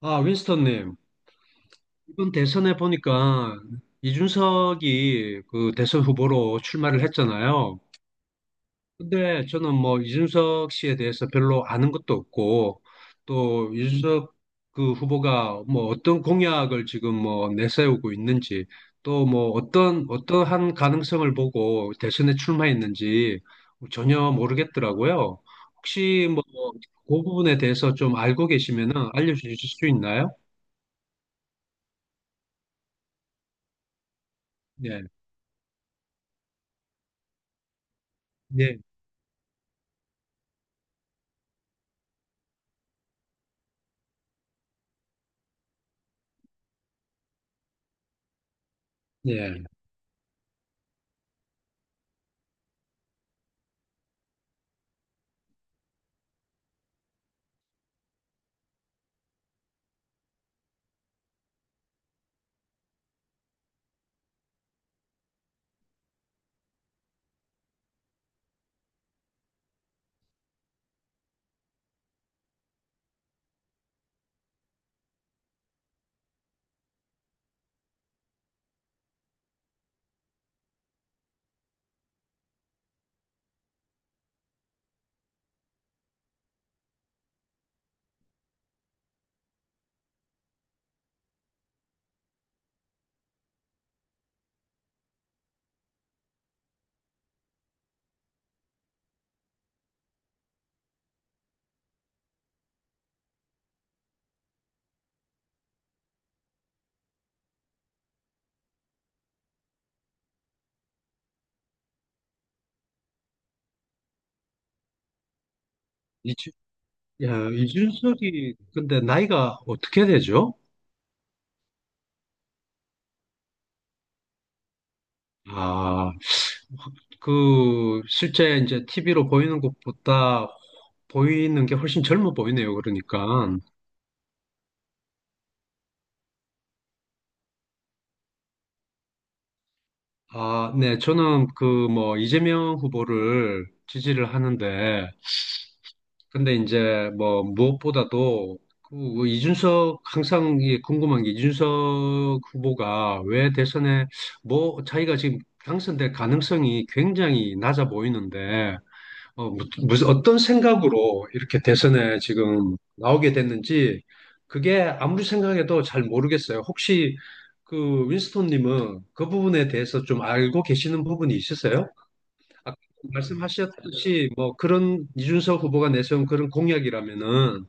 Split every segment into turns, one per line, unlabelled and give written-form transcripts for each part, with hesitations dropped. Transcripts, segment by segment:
아, 윈스턴님, 이번 대선에 보니까 이준석이 그 대선 후보로 출마를 했잖아요. 근데 저는 뭐 이준석 씨에 대해서 별로 아는 것도 없고, 또 이준석 그 후보가 뭐 어떤 공약을 지금 뭐 내세우고 있는지, 또 뭐 어떤, 어떠한 가능성을 보고 대선에 출마했는지 전혀 모르겠더라고요. 혹시 뭐 그 부분에 대해서 좀 알고 계시면은 알려주실 수 있나요? 네. 네. 예. 이주, 야, 이준석이 근데 나이가 어떻게 되죠? 아, 그 실제 이제 TV로 보이는 것보다 보이는 게 훨씬 젊어 보이네요. 그러니까. 아, 네. 저는 그 뭐 이재명 후보를 지지를 하는데 근데 이제 뭐 무엇보다도 그 이준석 항상 이게 궁금한 게 이준석 후보가 왜 대선에 뭐 자기가 지금 당선될 가능성이 굉장히 낮아 보이는데 무슨 어떤 생각으로 이렇게 대선에 지금 나오게 됐는지 그게 아무리 생각해도 잘 모르겠어요. 혹시 그 윈스톤님은 그 부분에 대해서 좀 알고 계시는 부분이 있으세요? 아까 말씀하셨듯이 뭐 그런 이준석 후보가 내세운 그런 공약이라면은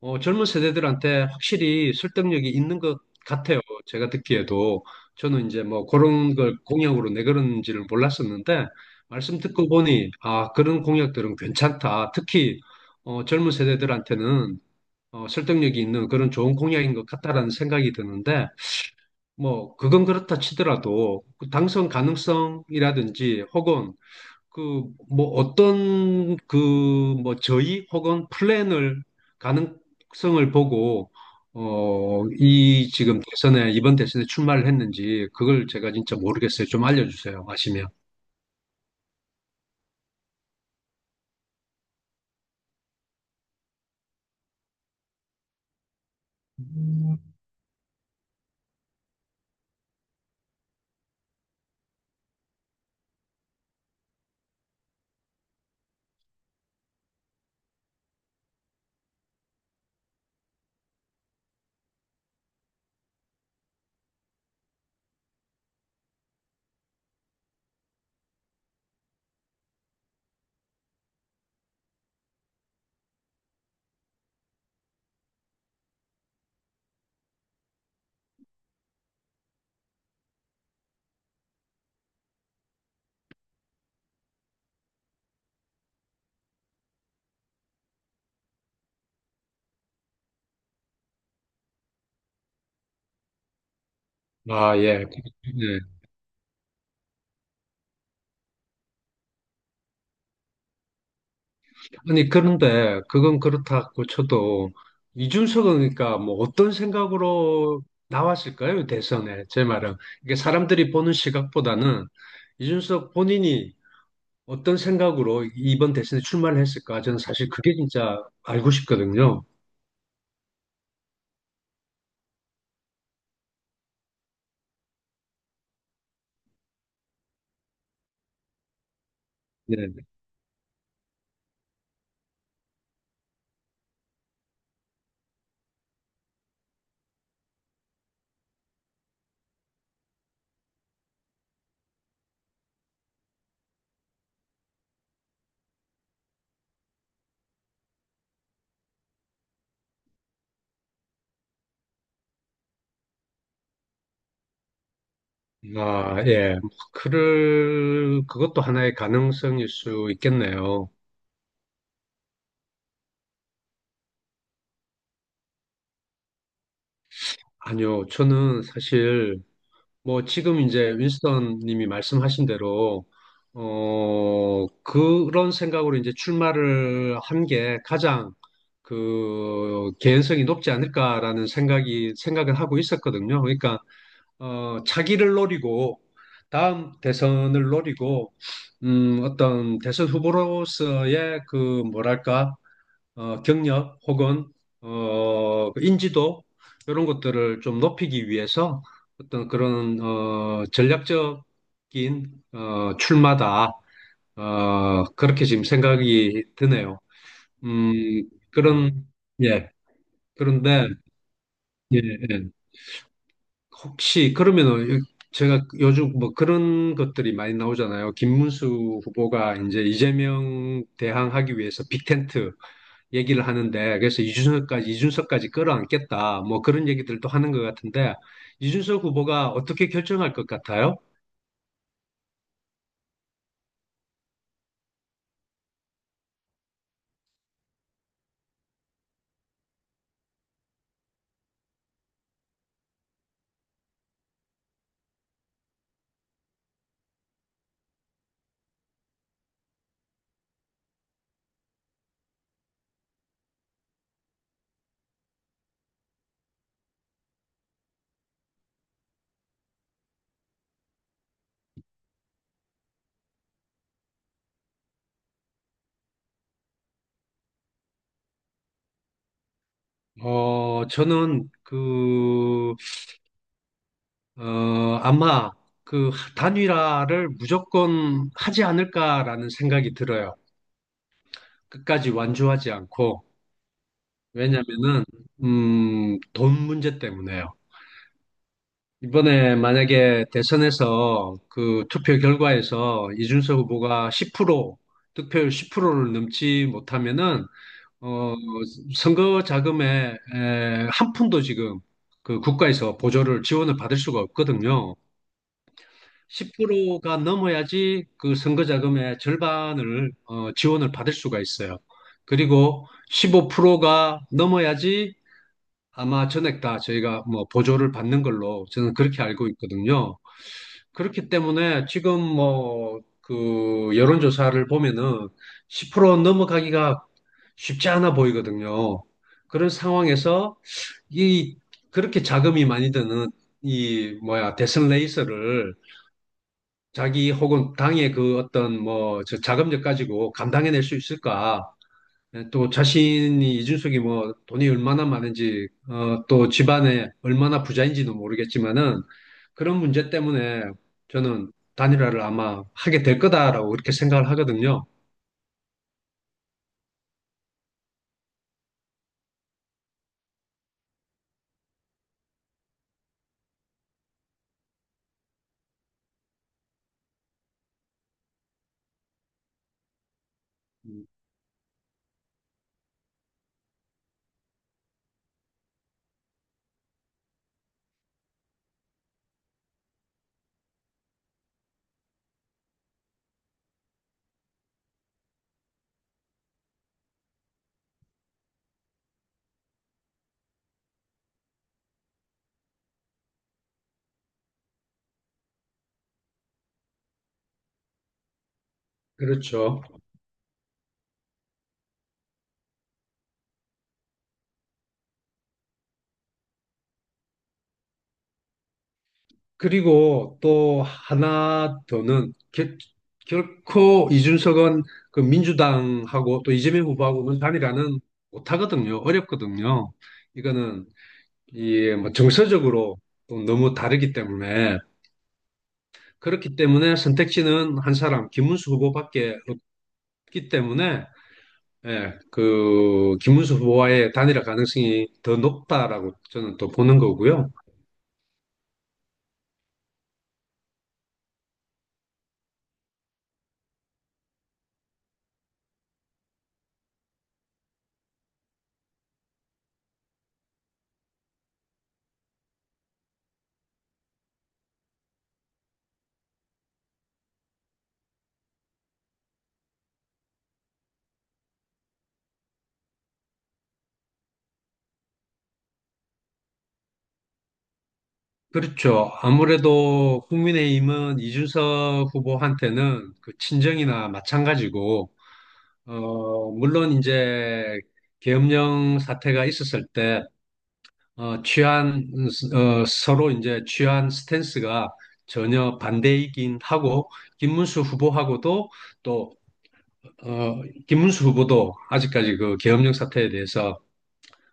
젊은 세대들한테 확실히 설득력이 있는 것 같아요. 제가 듣기에도 저는 이제 뭐 그런 걸 공약으로 내걸은지를 몰랐었는데 말씀 듣고 보니 아 그런 공약들은 괜찮다. 특히 젊은 세대들한테는 설득력이 있는 그런 좋은 공약인 것 같다라는 생각이 드는데 뭐 그건 그렇다 치더라도 그 당선 가능성이라든지 혹은 그, 뭐, 어떤, 그, 뭐, 저희 혹은 플랜을, 가능성을 보고, 이 지금 대선에, 이번 대선에 출마를 했는지, 그걸 제가 진짜 모르겠어요. 좀 알려주세요. 아시면. 아, 예. 네. 아니, 그런데, 그건 그렇다고 쳐도, 이준석은 그러니까 뭐, 어떤 생각으로 나왔을까요? 대선에. 제 말은. 이게 사람들이 보는 시각보다는, 이준석 본인이 어떤 생각으로 이번 대선에 출마를 했을까? 저는 사실 그게 진짜 알고 싶거든요. 네. 아, 예. 그를, 그것도 하나의 가능성일 수 있겠네요. 아니요. 저는 사실, 뭐, 지금 이제 윈스턴 님이 말씀하신 대로, 그런 생각으로 이제 출마를 한 게 가장 그 개연성이 높지 않을까라는 생각이, 생각을 하고 있었거든요. 그러니까, 차기를 노리고 다음 대선을 노리고 어떤 대선 후보로서의 그 뭐랄까 경력 혹은 그 인지도 이런 것들을 좀 높이기 위해서 어떤 그런 전략적인 출마다 그렇게 지금 생각이 드네요. 그런 예 그런데 예, 예. 혹시 그러면은 제가 요즘 뭐 그런 것들이 많이 나오잖아요. 김문수 후보가 이제 이재명 대항하기 위해서 빅텐트 얘기를 하는데 그래서 이준석까지 끌어안겠다 뭐 그런 얘기들도 하는 것 같은데 이준석 후보가 어떻게 결정할 것 같아요? 어 저는 그 어 아마 그 단일화를 무조건 하지 않을까라는 생각이 들어요. 끝까지 완주하지 않고. 왜냐면은, 돈 문제 때문에요. 이번에 만약에 대선에서 그 투표 결과에서 이준석 후보가 10% 득표율 10%를 넘지 못하면은 어 선거 자금에 에, 한 푼도 지금 그 국가에서 보조를 지원을 받을 수가 없거든요. 10%가 넘어야지 그 선거 자금의 절반을 지원을 받을 수가 있어요. 그리고 15%가 넘어야지 아마 전액 다 저희가 뭐 보조를 받는 걸로 저는 그렇게 알고 있거든요. 그렇기 때문에 지금 뭐 그 여론조사를 보면은 10% 넘어가기가 쉽지 않아 보이거든요. 그런 상황에서 이 그렇게 자금이 많이 드는 이 뭐야 대선 레이스를 자기 혹은 당의 그 어떤 뭐 저 자금력 가지고 감당해낼 수 있을까? 또 자신이 이준석이 뭐 돈이 얼마나 많은지 또 집안에 얼마나 부자인지도 모르겠지만은 그런 문제 때문에 저는 단일화를 아마 하게 될 거다라고 이렇게 생각을 하거든요. 음, 그렇죠. 그리고 또 하나 더는 결, 결코 이준석은 그 민주당하고 또 이재명 후보하고는 단일화는 못하거든요. 어렵거든요. 이거는 이뭐 정서적으로 또 너무 다르기 때문에 그렇기 때문에 선택지는 한 사람, 김문수 후보밖에 없기 때문에 예, 그 김문수 후보와의 단일화 가능성이 더 높다라고 저는 또 보는 거고요. 그렇죠. 아무래도 국민의힘은 이준석 후보한테는 그 친정이나 마찬가지고 물론 이제 계엄령 사태가 있었을 때 어, 취한, 서로 이제 취한 스탠스가 전혀 반대이긴 하고, 김문수 후보하고도 또, 어, 김문수 후보도 아직까지 그 계엄령 사태에 대해서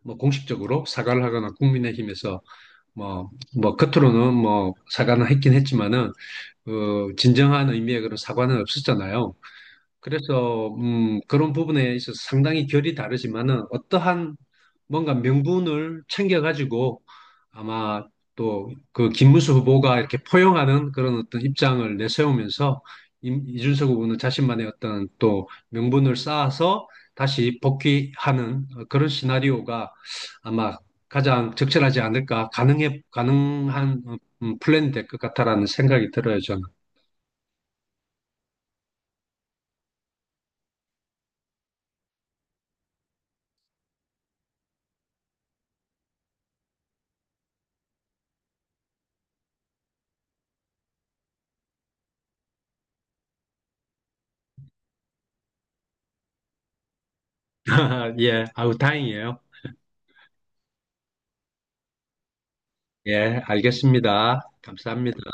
뭐 공식적으로 사과를 하거나 국민의힘에서 뭐, 뭐, 겉으로는 뭐 사과는 했긴 했지만은, 진정한 의미의 그런 사과는 없었잖아요. 그래서 그런 부분에 있어서 상당히 결이 다르지만은 어떠한 뭔가 명분을 챙겨가지고 아마 또 그 김문수 후보가 이렇게 포용하는 그런 어떤 입장을 내세우면서 이준석 후보는 자신만의 어떤 또 명분을 쌓아서 다시 복귀하는 그런 시나리오가 아마 가장 적절하지 않을까 가능해 가능한 플랜이 될 것 같다라는 생각이 들어요 저는 예 아우 다행이에요. 예, 알겠습니다. 감사합니다.